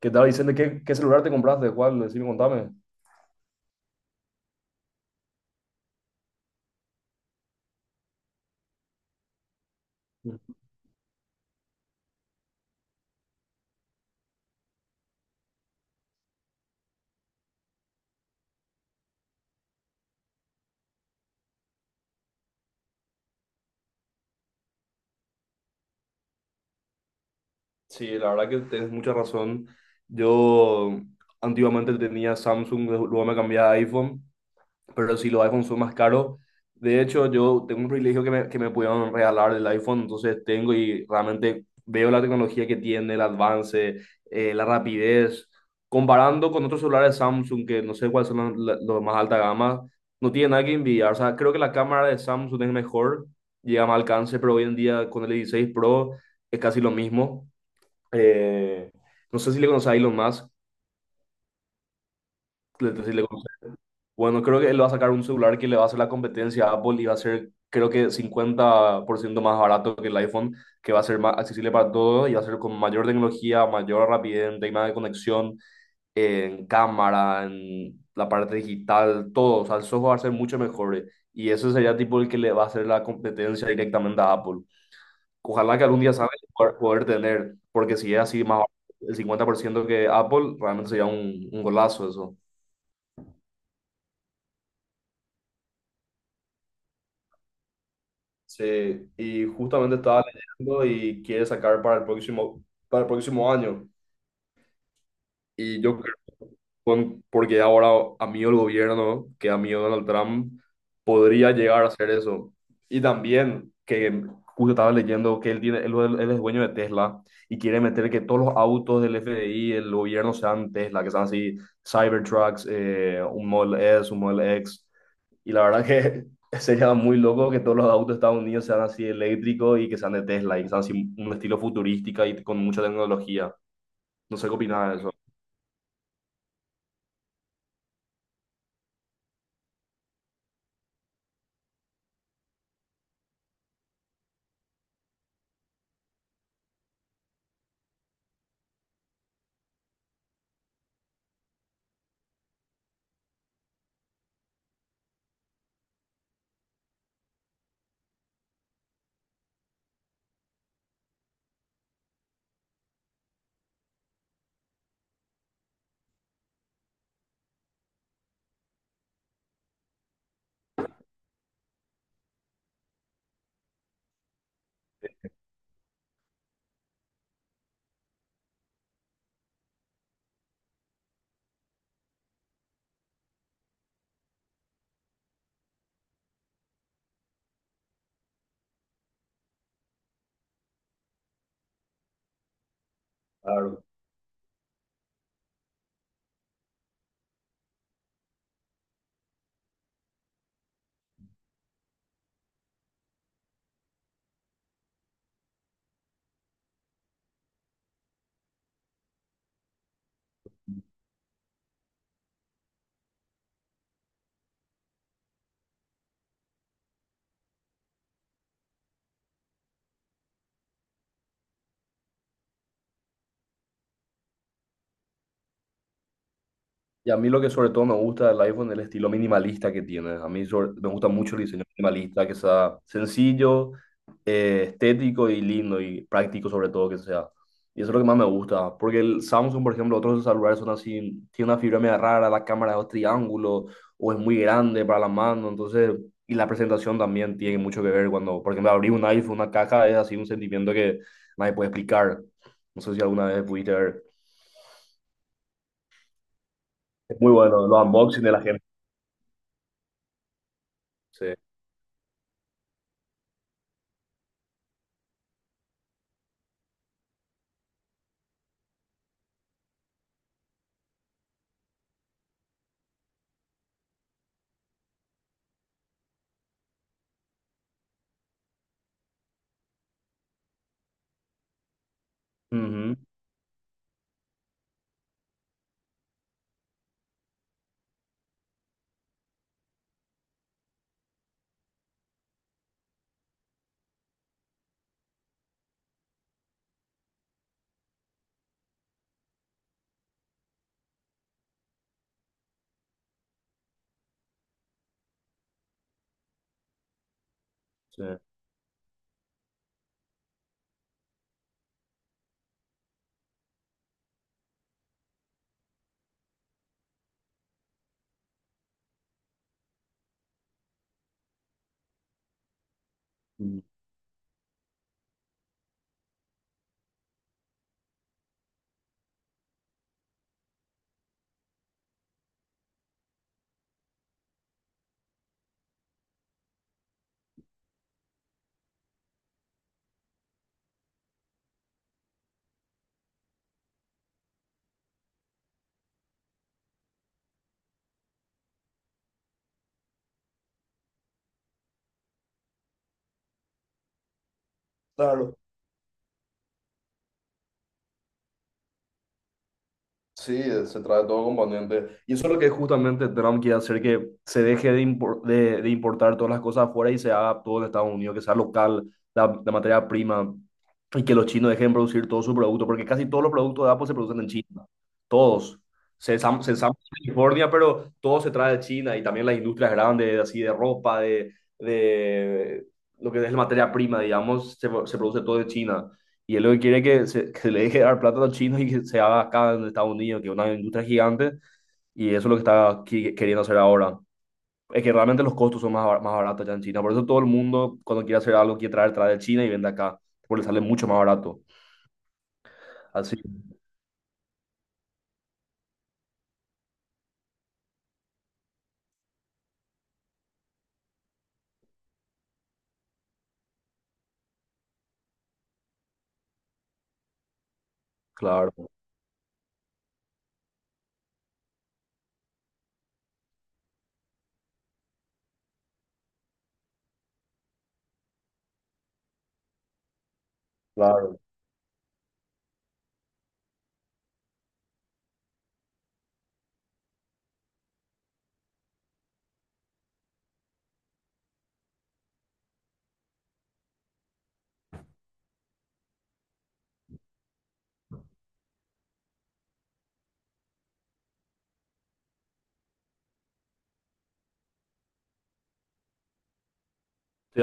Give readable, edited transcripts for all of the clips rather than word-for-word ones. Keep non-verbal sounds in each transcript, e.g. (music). Que estaba diciendo qué celular te compraste, cuál, decime, contame. Sí, la verdad que tienes mucha razón. Yo antiguamente tenía Samsung, luego me cambié a iPhone, pero si los iPhones son más caros. De hecho, yo tengo un privilegio que me pudieron regalar el iPhone, entonces tengo y realmente veo la tecnología que tiene, el avance, la rapidez, comparando con otros celulares Samsung, que no sé cuáles son los más alta gama. No tiene nada que envidiar, o sea, creo que la cámara de Samsung es mejor, llega a más alcance, pero hoy en día con el 16 Pro es casi lo mismo. Eh, no sé si le conoces a Elon Musk. Si le conoces, bueno, creo que él va a sacar un celular que le va a hacer la competencia a Apple y va a ser, creo que 50% más barato que el iPhone, que va a ser más accesible para todos y va a ser con mayor tecnología, mayor rapidez en tema de conexión, en cámara, en la parte digital, todo. O sea, el software va a ser mucho mejor, y ese sería tipo el que le va a hacer la competencia directamente a Apple. Ojalá que algún día salga y poder tener, porque si es así más barato, el 50% que Apple, realmente sería un golazo eso. Sí, y justamente estaba leyendo y quiere sacar para el próximo año. Y yo creo, porque ahora, amigo, el gobierno, que amigo Donald Trump, podría llegar a hacer eso. Y también que justo estaba leyendo que él es dueño de Tesla y quiere meter que todos los autos del FDI, del gobierno, sean Tesla, que sean así Cybertrucks, un Model S, un Model X. Y la verdad que (laughs) sería muy loco que todos los autos de Estados Unidos sean así eléctricos y que sean de Tesla y que sean así un estilo futurística y con mucha tecnología. No sé qué opinas de eso. Y a mí lo que sobre todo me gusta del iPhone es el estilo minimalista que tiene. A mí me gusta mucho el diseño minimalista, que sea sencillo, estético y lindo y práctico sobre todo que sea. Y eso es lo que más me gusta. Porque el Samsung, por ejemplo, otros celulares son así, tiene una fibra media rara, la cámara es un triángulo o es muy grande para la mano. Entonces, y la presentación también tiene mucho que ver cuando, por ejemplo, abrir un iPhone, una caja, es así un sentimiento que nadie puede explicar. No sé si alguna vez pudiste ver. Es muy bueno, los unboxing de la gente. Sí. Ujú, sí. Mm. Claro. Sí, se trae todo componente. Y eso es lo que justamente Trump quiere hacer, que se deje de importar todas las cosas afuera y se haga todo en Estados Unidos, que sea local la materia prima y que los chinos dejen producir todo su producto, porque casi todos los productos de Apple se producen en China. Todos. Se ensambla en California, pero todo se trae de China y también las industrias grandes, así de ropa, de lo que es la materia prima, digamos, se produce todo de China. Y él lo que quiere es que se le deje dar plata a los chinos y que se haga acá en Estados Unidos, que es una industria gigante. Y eso es lo que está queriendo hacer ahora. Es que realmente los costos son más baratos ya en China. Por eso todo el mundo, cuando quiere hacer algo, quiere traer, trae de China y vende acá, porque le sale mucho más barato. Así, claro, claro. Sí.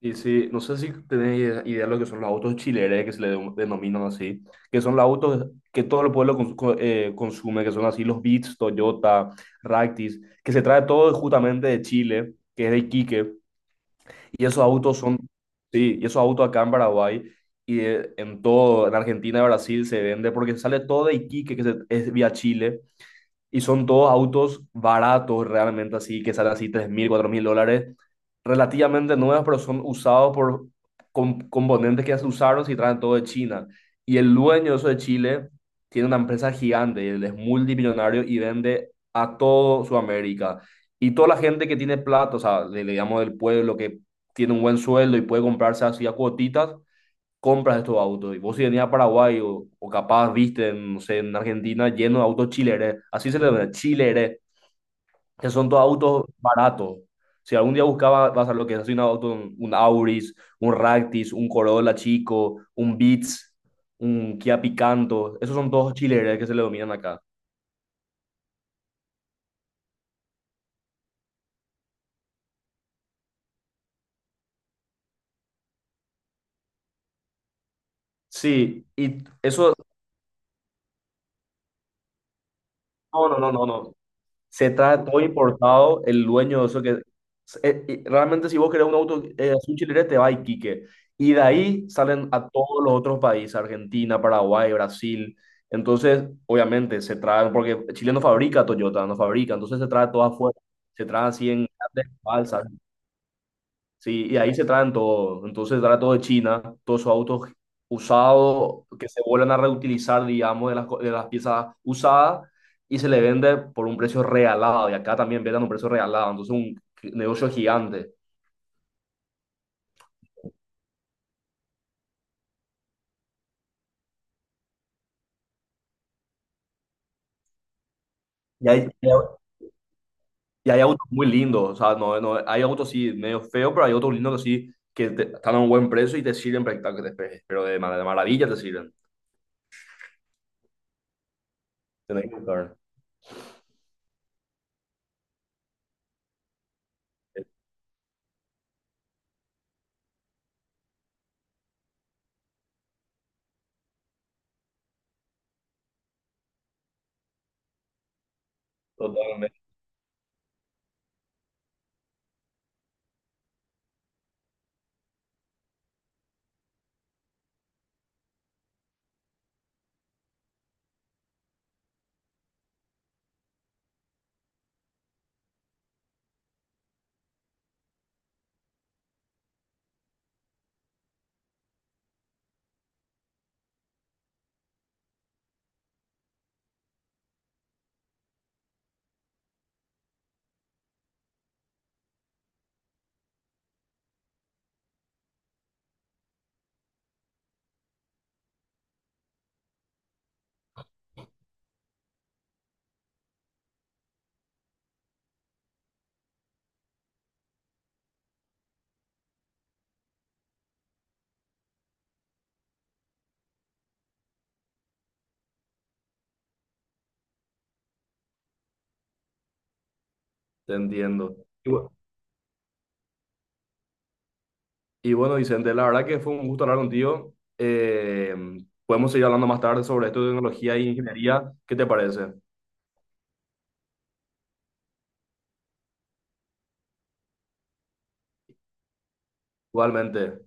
Y sí, no sé si tenéis idea de lo que son los autos chileres, que se le denominan así, que son los autos que todo el pueblo consume, que son así los Beats, Toyota, Ractis, que se trae todo justamente de Chile, que es de Iquique, y esos autos son, sí, y esos autos acá en Paraguay y en todo, en Argentina y Brasil se vende porque sale todo de Iquique, que es vía Chile, y son todos autos baratos realmente así, que salen así 3.000 4.000 dólares, relativamente nuevos, pero son usados por componentes que ya se usaron y traen todo de China. Y el dueño eso de Chile tiene una empresa gigante, él es multimillonario y vende a todo Sudamérica. Y toda la gente que tiene plata, o sea, le digamos del pueblo que tiene un buen sueldo y puede comprarse así a cuotitas, compras estos autos. Y vos si venís a Paraguay o capaz viste, en, no sé, en Argentina lleno de autos chileres, así se le llama, chileres, que son todos autos baratos. Si algún día buscaba, vas a lo que es así un auto, un Auris, un Ractis, un Corolla chico, un Beats, un Kia Picanto, esos son todos chileres que se le dominan acá. Sí, y eso, no, no, no, no, no. Se trae todo importado, el dueño de eso que... Y realmente si vos querés un auto azul chileno, te va a Iquique. Y de ahí salen a todos los otros países, Argentina, Paraguay, Brasil. Entonces, obviamente, se traen, porque Chile no fabrica Toyota, no fabrica, entonces se trae todo afuera, se trae así en grandes balsas. Sí, y ahí se traen todo. Entonces trae todo de China, todos sus autos usados que se vuelven a reutilizar, digamos, de las piezas usadas y se le vende por un precio regalado. Y acá también venden a un precio regalado. Entonces un negocio gigante. Y hay, y hay y hay autos muy lindos. O sea, no, no, hay autos sí medio feos, pero hay autos lindos que sí, que están a un buen precio y te sirven prácticamente, pero de maravilla te sirven. Tenés que buscar. Totalmente, te entiendo. Y bueno, Vicente, la verdad que fue un gusto hablar contigo. Podemos seguir hablando más tarde sobre esto de tecnología e ingeniería. ¿Qué te parece? Igualmente.